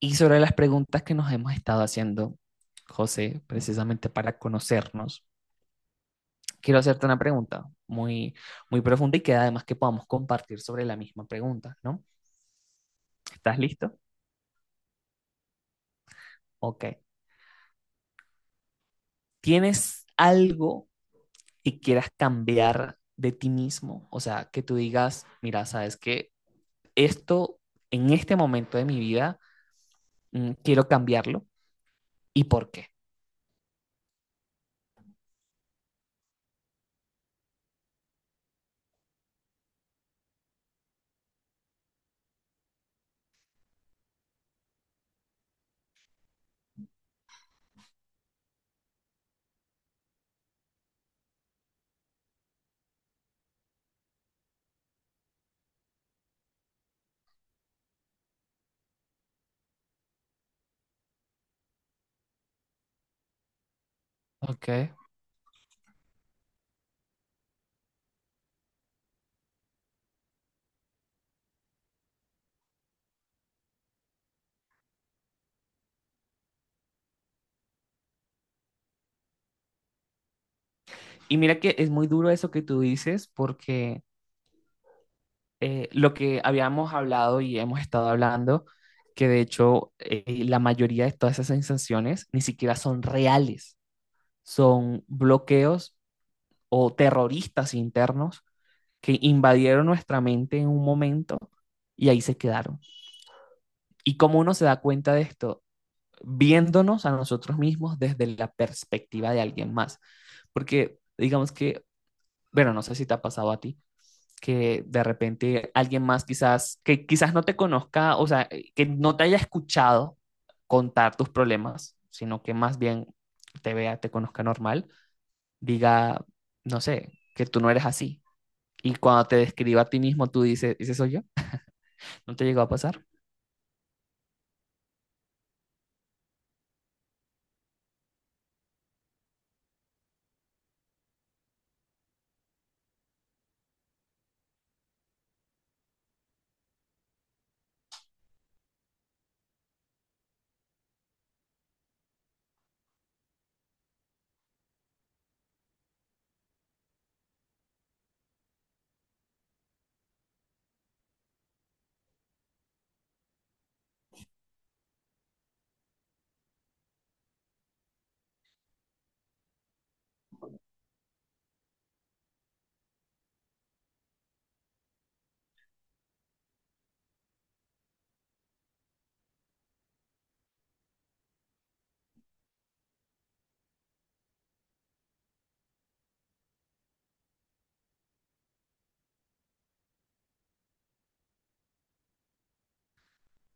Y sobre las preguntas que nos hemos estado haciendo, José, precisamente para conocernos, quiero hacerte una pregunta muy profunda y que además que podamos compartir sobre la misma pregunta, ¿no? ¿Estás listo? Ok. ¿Tienes algo que quieras cambiar de ti mismo? O sea, que tú digas, mira, sabes que esto en este momento de mi vida quiero cambiarlo y por qué. Ok. Y mira que es muy duro eso que tú dices porque lo que habíamos hablado y hemos estado hablando, que de hecho la mayoría de todas esas sensaciones ni siquiera son reales, son bloqueos o terroristas internos que invadieron nuestra mente en un momento y ahí se quedaron. ¿Y cómo uno se da cuenta de esto? Viéndonos a nosotros mismos desde la perspectiva de alguien más. Porque digamos que, bueno, no sé si te ha pasado a ti, que de repente alguien más quizás, que quizás no te conozca, o sea, que no te haya escuchado contar tus problemas, sino que más bien te vea, te conozca normal, diga, no sé, que tú no eres así. Y cuando te describa a ti mismo, tú dices, ¿ese soy yo? ¿No te llegó a pasar?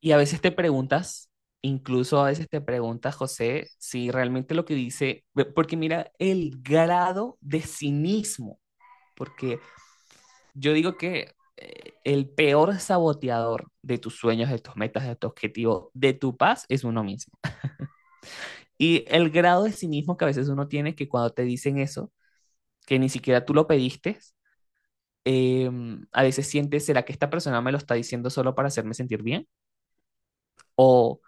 Y a veces te preguntas, incluso a veces te preguntas, José, si realmente lo que dice, porque mira el grado de cinismo, porque yo digo que el peor saboteador de tus sueños, de tus metas, de tu objetivo, de tu paz es uno mismo. Y el grado de cinismo que a veces uno tiene que cuando te dicen eso, que ni siquiera tú lo pediste, eh, a veces sientes, ¿será que esta persona me lo está diciendo solo para hacerme sentir bien? ¿O,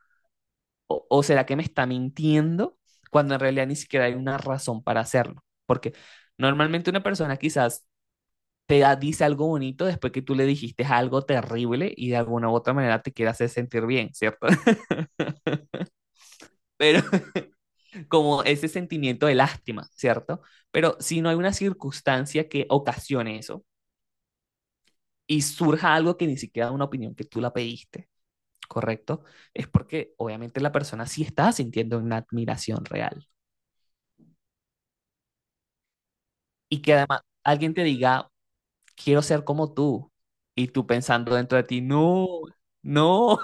o será que me está mintiendo cuando en realidad ni siquiera hay una razón para hacerlo? Porque normalmente una persona quizás dice algo bonito después que tú le dijiste algo terrible y de alguna u otra manera te quiere hacer sentir bien, ¿cierto? Pero como ese sentimiento de lástima, ¿cierto? Pero si no hay una circunstancia que ocasione eso y surja algo que ni siquiera una opinión que tú la pediste, ¿correcto? Es porque obviamente la persona sí está sintiendo una admiración real y que además alguien te diga, quiero ser como tú y tú pensando dentro de ti, no, no,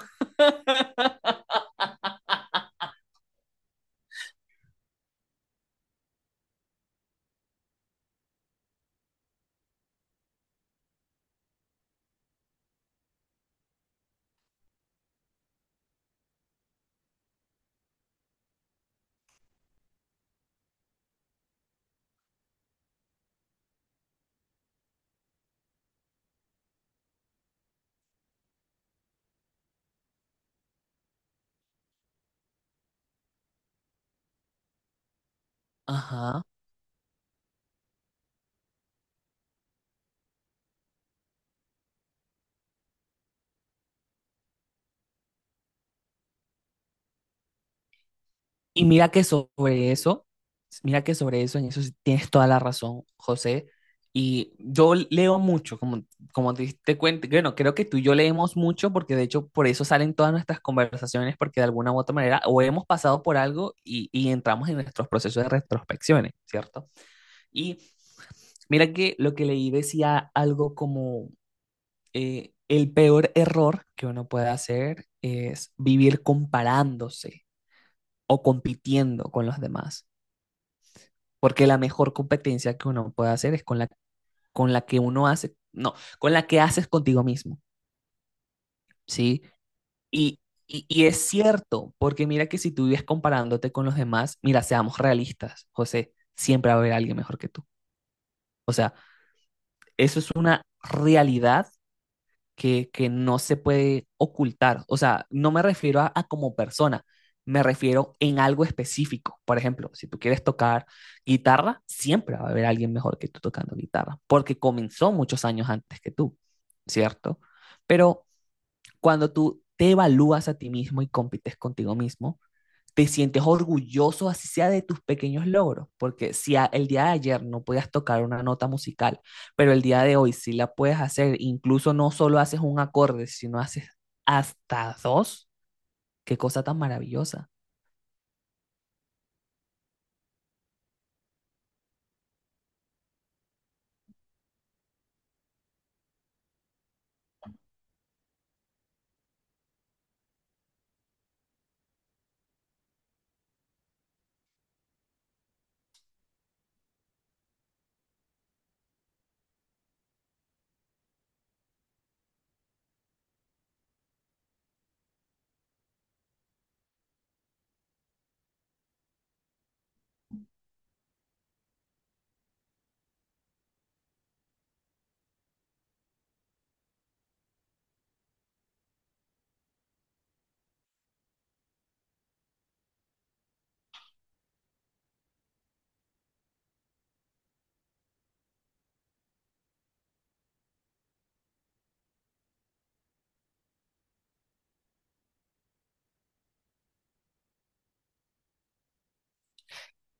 ajá. Y mira que sobre eso, Mira que sobre eso, en eso sí tienes toda la razón, José. Y yo leo mucho, como, como te diste cuenta, bueno, creo que tú y yo leemos mucho porque de hecho por eso salen todas nuestras conversaciones, porque de alguna u otra manera o hemos pasado por algo y entramos en nuestros procesos de retrospecciones, ¿cierto? Y mira que lo que leí decía algo como el peor error que uno puede hacer es vivir comparándose o compitiendo con los demás porque la mejor competencia que uno puede hacer es con la que uno hace, no, con la que haces contigo mismo, ¿sí? Y, y es cierto, porque mira que si tú vives comparándote con los demás, mira, seamos realistas, José, siempre va a haber alguien mejor que tú. O sea, eso es una realidad que no se puede ocultar. O sea, no me refiero a como persona, me refiero en algo específico. Por ejemplo, si tú quieres tocar guitarra, siempre va a haber alguien mejor que tú tocando guitarra, porque comenzó muchos años antes que tú, ¿cierto? Pero cuando tú te evalúas a ti mismo y compites contigo mismo, te sientes orgulloso, así sea de tus pequeños logros, porque si a- el día de ayer no podías tocar una nota musical, pero el día de hoy sí la puedes hacer, incluso no solo haces un acorde, sino haces hasta dos, qué cosa tan maravillosa.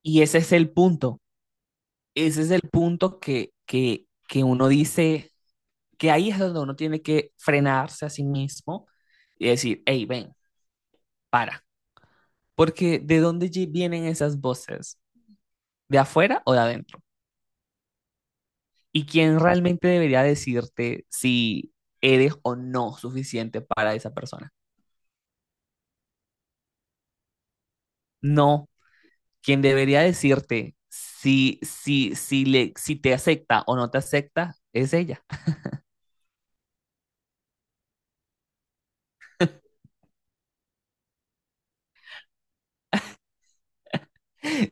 Y ese es el punto, ese es el punto que uno dice, que ahí es donde uno tiene que frenarse a sí mismo y decir, hey, ven, para, porque ¿de dónde vienen esas voces? ¿De afuera o de adentro? ¿Y quién realmente debería decirte si eres o no suficiente para esa persona? No, quien debería decirte si te acepta o no te acepta es ella.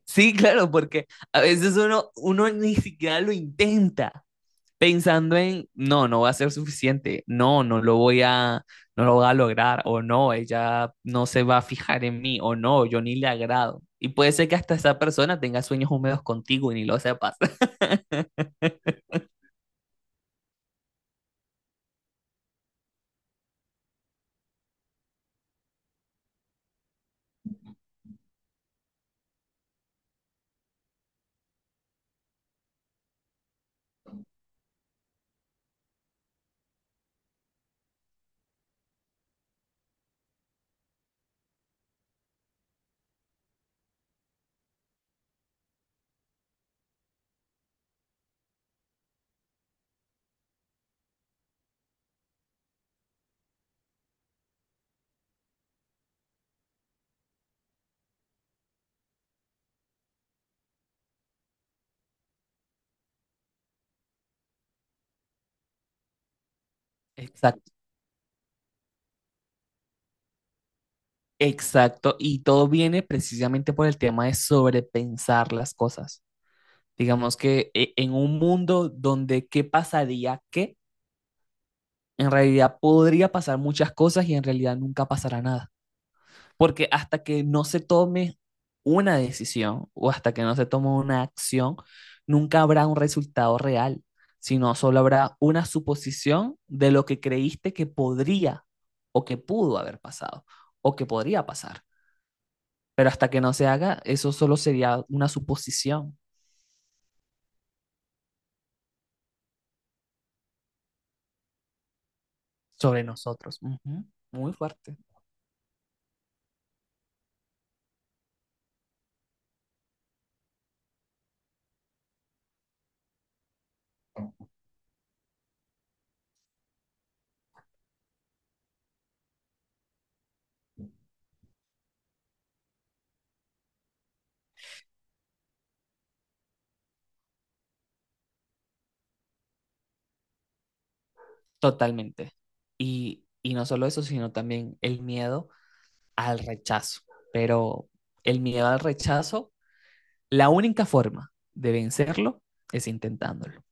Sí, claro, porque a veces uno ni siquiera lo intenta, pensando en, no, no va a ser suficiente, no lo voy no lo voy a lograr, o no, ella no se va a fijar en mí, o no, yo ni le agrado. Y puede ser que hasta esa persona tenga sueños húmedos contigo y ni lo sepas. Exacto, exacto. Y todo viene precisamente por el tema de sobrepensar las cosas. Digamos que en un mundo donde qué pasaría qué, en realidad podría pasar muchas cosas y en realidad nunca pasará nada. Porque hasta que no se tome una decisión o hasta que no se tome una acción, nunca habrá un resultado real, sino solo habrá una suposición de lo que creíste que podría o que pudo haber pasado o que podría pasar. Pero hasta que no se haga, eso solo sería una suposición sobre nosotros. Ujú. Muy fuerte, totalmente. Y no solo eso, sino también el miedo al rechazo. Pero el miedo al rechazo, la única forma de vencerlo es intentándolo.